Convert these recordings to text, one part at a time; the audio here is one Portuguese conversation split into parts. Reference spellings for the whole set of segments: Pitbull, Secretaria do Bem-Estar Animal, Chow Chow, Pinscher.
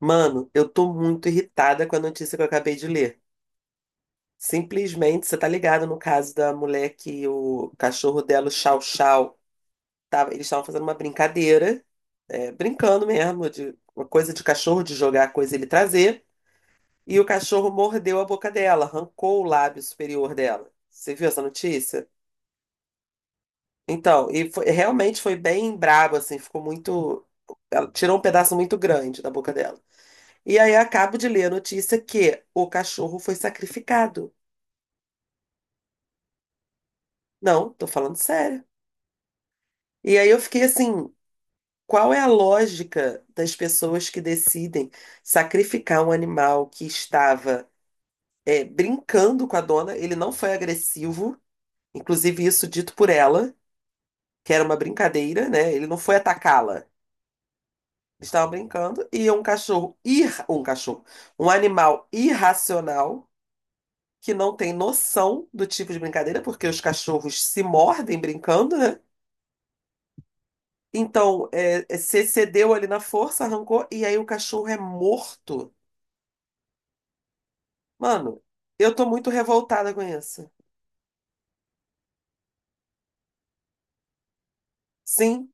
Mano, eu tô muito irritada com a notícia que eu acabei de ler. Simplesmente, você tá ligado no caso da mulher que o cachorro dela, o Chow Chow, tava, eles estavam fazendo uma brincadeira, brincando mesmo, de uma coisa de cachorro, de jogar a coisa e ele trazer, e o cachorro mordeu a boca dela, arrancou o lábio superior dela. Você viu essa notícia? Então, realmente foi bem brabo, assim, ficou muito. Ela tirou um pedaço muito grande da boca dela. E aí eu acabo de ler a notícia que o cachorro foi sacrificado. Não, tô falando sério. E aí eu fiquei assim, qual é a lógica das pessoas que decidem sacrificar um animal que estava brincando com a dona? Ele não foi agressivo, inclusive isso dito por ela, que era uma brincadeira, né? Ele não foi atacá-la. Eles estavam brincando e um cachorro, um animal irracional que não tem noção do tipo de brincadeira, porque os cachorros se mordem brincando, né? Então, se cedeu ali na força, arrancou, e aí o cachorro é morto. Mano, eu tô muito revoltada com isso. Sim,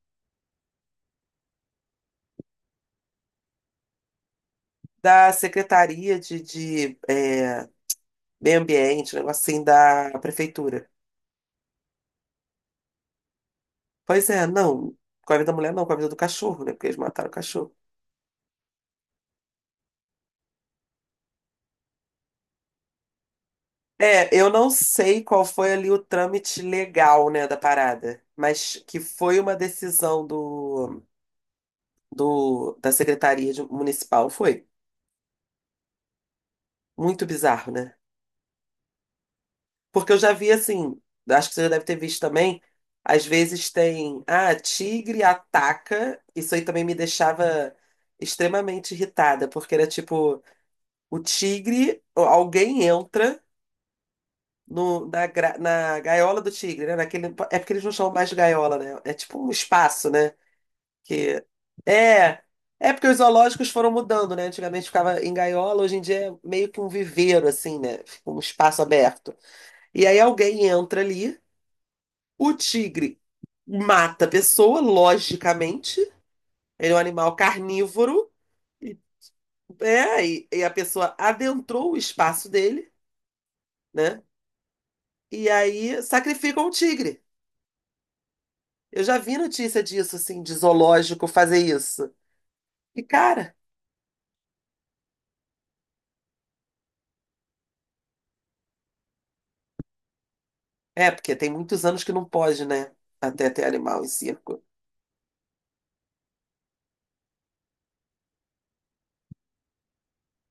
da Secretaria de Meio Ambiente, um negócio assim, da Prefeitura. Pois é, não. Com a vida da mulher, não, com a vida do cachorro, né? Porque eles mataram o cachorro. É, eu não sei qual foi ali o trâmite legal, né, da parada, mas que foi uma decisão da Municipal. Foi muito bizarro, né? Porque eu já vi assim, acho que você já deve ter visto também, às vezes tem, ah, tigre ataca. Isso aí também me deixava extremamente irritada, porque era tipo, o tigre, ou alguém entra no, na, gra- na gaiola do tigre, né? Naquele, é porque eles não chamam mais de gaiola, né? É tipo um espaço, né? Que é, é porque os zoológicos foram mudando, né? Antigamente ficava em gaiola, hoje em dia é meio que um viveiro assim, né? Fica um espaço aberto. E aí alguém entra ali, o tigre mata a pessoa, logicamente. Ele é um animal carnívoro. E, e a pessoa adentrou o espaço dele, né? E aí sacrificam o tigre. Eu já vi notícia disso, assim, de zoológico fazer isso. E, cara, é, porque tem muitos anos que não pode, né? Até ter animal em circo.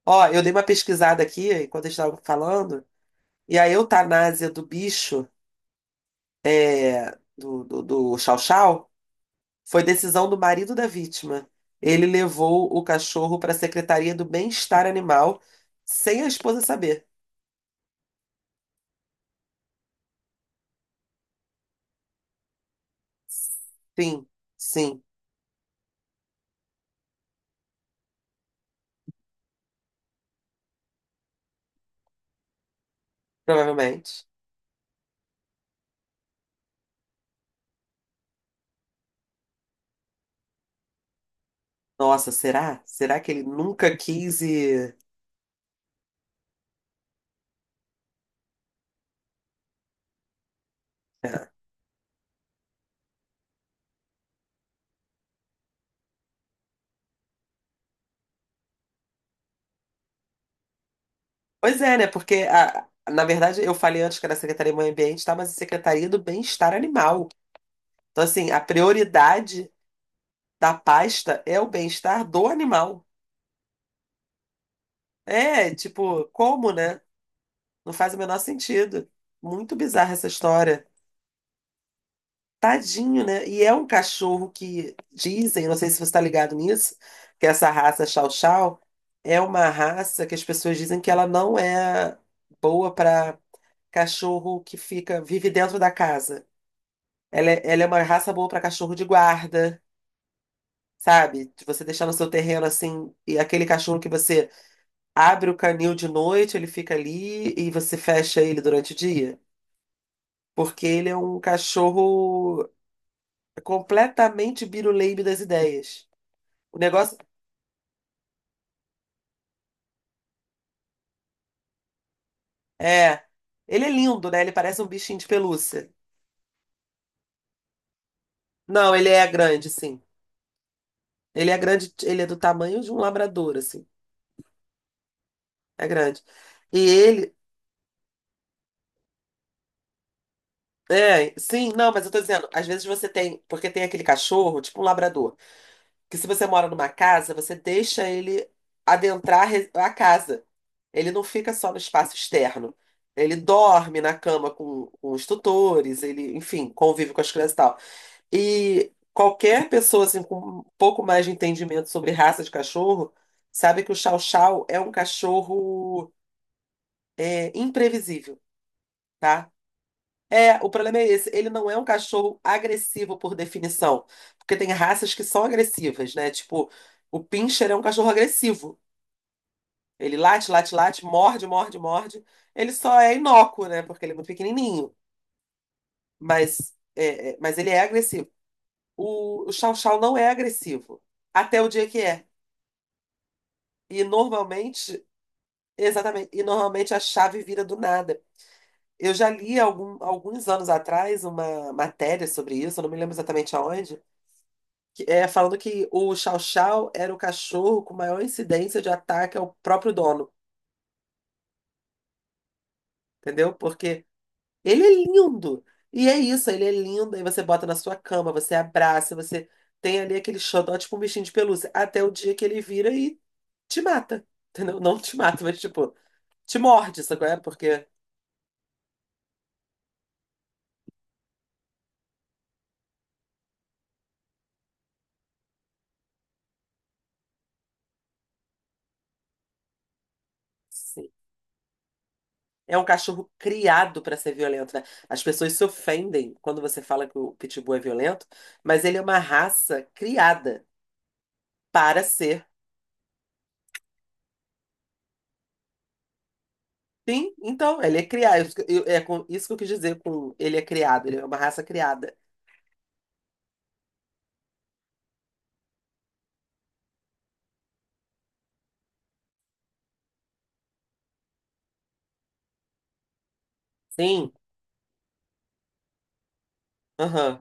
Ó, eu dei uma pesquisada aqui enquanto a gente tava falando, e a eutanásia do bicho, é, do Chow Chow, foi decisão do marido da vítima. Ele levou o cachorro para a Secretaria do Bem-Estar Animal sem a esposa saber. Sim, sim, provavelmente. Nossa, será? Será que ele nunca quis e... Pois é, né? Porque, a, na verdade, eu falei antes que era Secretaria do Meio Ambiente, tá? Mas a Secretaria do Bem-Estar Animal. Então, assim, a prioridade da pasta é o bem-estar do animal. É, tipo, como, né? Não faz o menor sentido. Muito bizarra essa história. Tadinho, né? E é um cachorro que dizem, não sei se você está ligado nisso, que essa raça Chow Chow é uma raça que as pessoas dizem que ela não é boa para cachorro que fica, vive dentro da casa. Ela é uma raça boa pra cachorro de guarda, sabe? De Você deixar no seu terreno assim, e aquele cachorro que você abre o canil de noite, ele fica ali e você fecha ele durante o dia. Porque ele é um cachorro completamente biruleibe das ideias. O negócio é. Ele é lindo, né? Ele parece um bichinho de pelúcia. Não, ele é grande, sim. Ele é grande, ele é do tamanho de um labrador, assim. É grande. E ele é, sim, não, mas eu tô dizendo, às vezes você tem, porque tem aquele cachorro, tipo um labrador, que se você mora numa casa, você deixa ele a casa. Ele não fica só no espaço externo. Ele dorme na cama com os tutores, ele, enfim, convive com as crianças e tal. E qualquer pessoa assim, com um pouco mais de entendimento sobre raça de cachorro, sabe que o Chow Chow é um cachorro imprevisível. Tá? É, o problema é esse. Ele não é um cachorro agressivo por definição. Porque tem raças que são agressivas, né? Tipo, o Pinscher é um cachorro agressivo. Ele late, late, late, morde, morde, morde. Ele só é inócuo, né? Porque ele é muito pequenininho. Mas, mas ele é agressivo. O Chow Chow não é agressivo. Até o dia que é. E normalmente, exatamente, e normalmente a chave vira do nada. Eu já li alguns anos atrás uma matéria sobre isso, eu não me lembro exatamente aonde falando que o Chow Chow era o cachorro com maior incidência de ataque ao próprio dono, entendeu? Porque ele é lindo. E é isso, ele é lindo. Aí você bota na sua cama, você abraça, você tem ali aquele xodó, tipo um bichinho de pelúcia, até o dia que ele vira e te mata, entendeu? Não te mata, mas tipo, te morde, sabe qual é? Porque sim, é um cachorro criado para ser violento, né? As pessoas se ofendem quando você fala que o Pitbull é violento, mas ele é uma raça criada para ser. Sim, então, ele é criado. Isso que eu, isso que eu quis dizer com ele é criado, ele é uma raça criada. Sim, aham,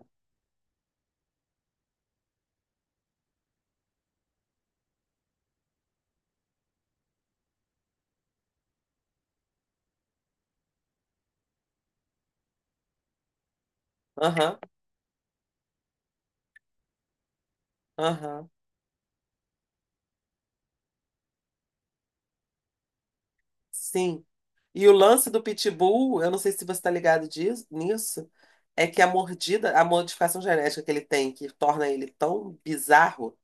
aham, aham, sim. E o lance do pitbull, eu não sei se você está ligado nisso, é que a mordida, a modificação genética que ele tem, que torna ele tão bizarro,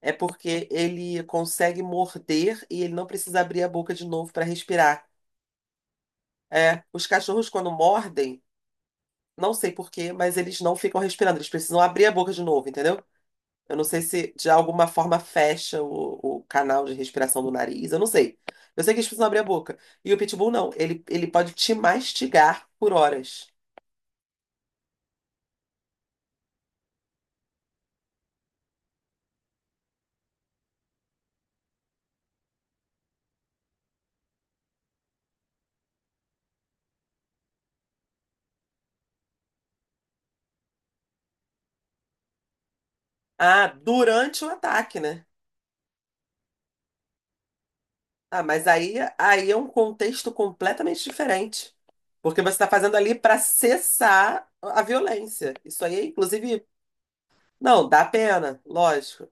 é porque ele consegue morder e ele não precisa abrir a boca de novo para respirar. É, os cachorros, quando mordem, não sei por quê, mas eles não ficam respirando, eles precisam abrir a boca de novo, entendeu? Eu não sei se de alguma forma fecha o canal de respiração do nariz, eu não sei. Eu sei que eles precisam abrir a boca. E o pitbull não, ele pode te mastigar por horas. Ah, durante o ataque, né? Ah, mas aí, aí é um contexto completamente diferente. Porque você está fazendo ali para cessar a violência. Isso aí, inclusive, não, dá pena, lógico.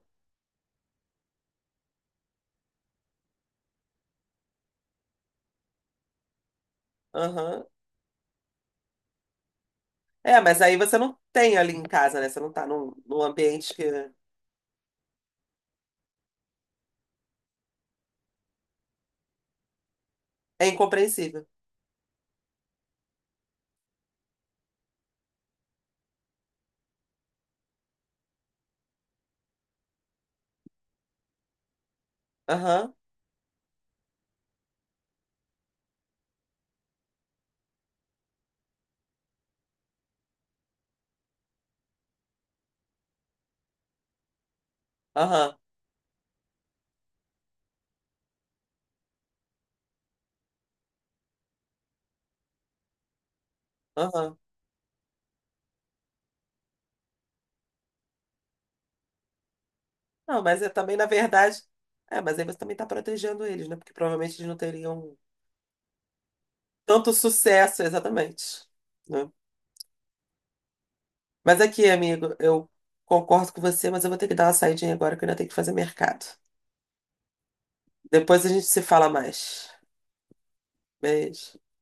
Aham. É, mas aí você não tem ali em casa, né? Você não tá num ambiente que é incompreensível. Aham, aham. Aham. Não, mas é também, na verdade. É, mas aí você também está protegendo eles, né? Porque provavelmente eles não teriam tanto sucesso, exatamente. Né? Mas aqui, amigo, eu concordo com você, mas eu vou ter que dar uma saidinha agora que eu ainda tenho que fazer mercado. Depois a gente se fala mais. Beijo.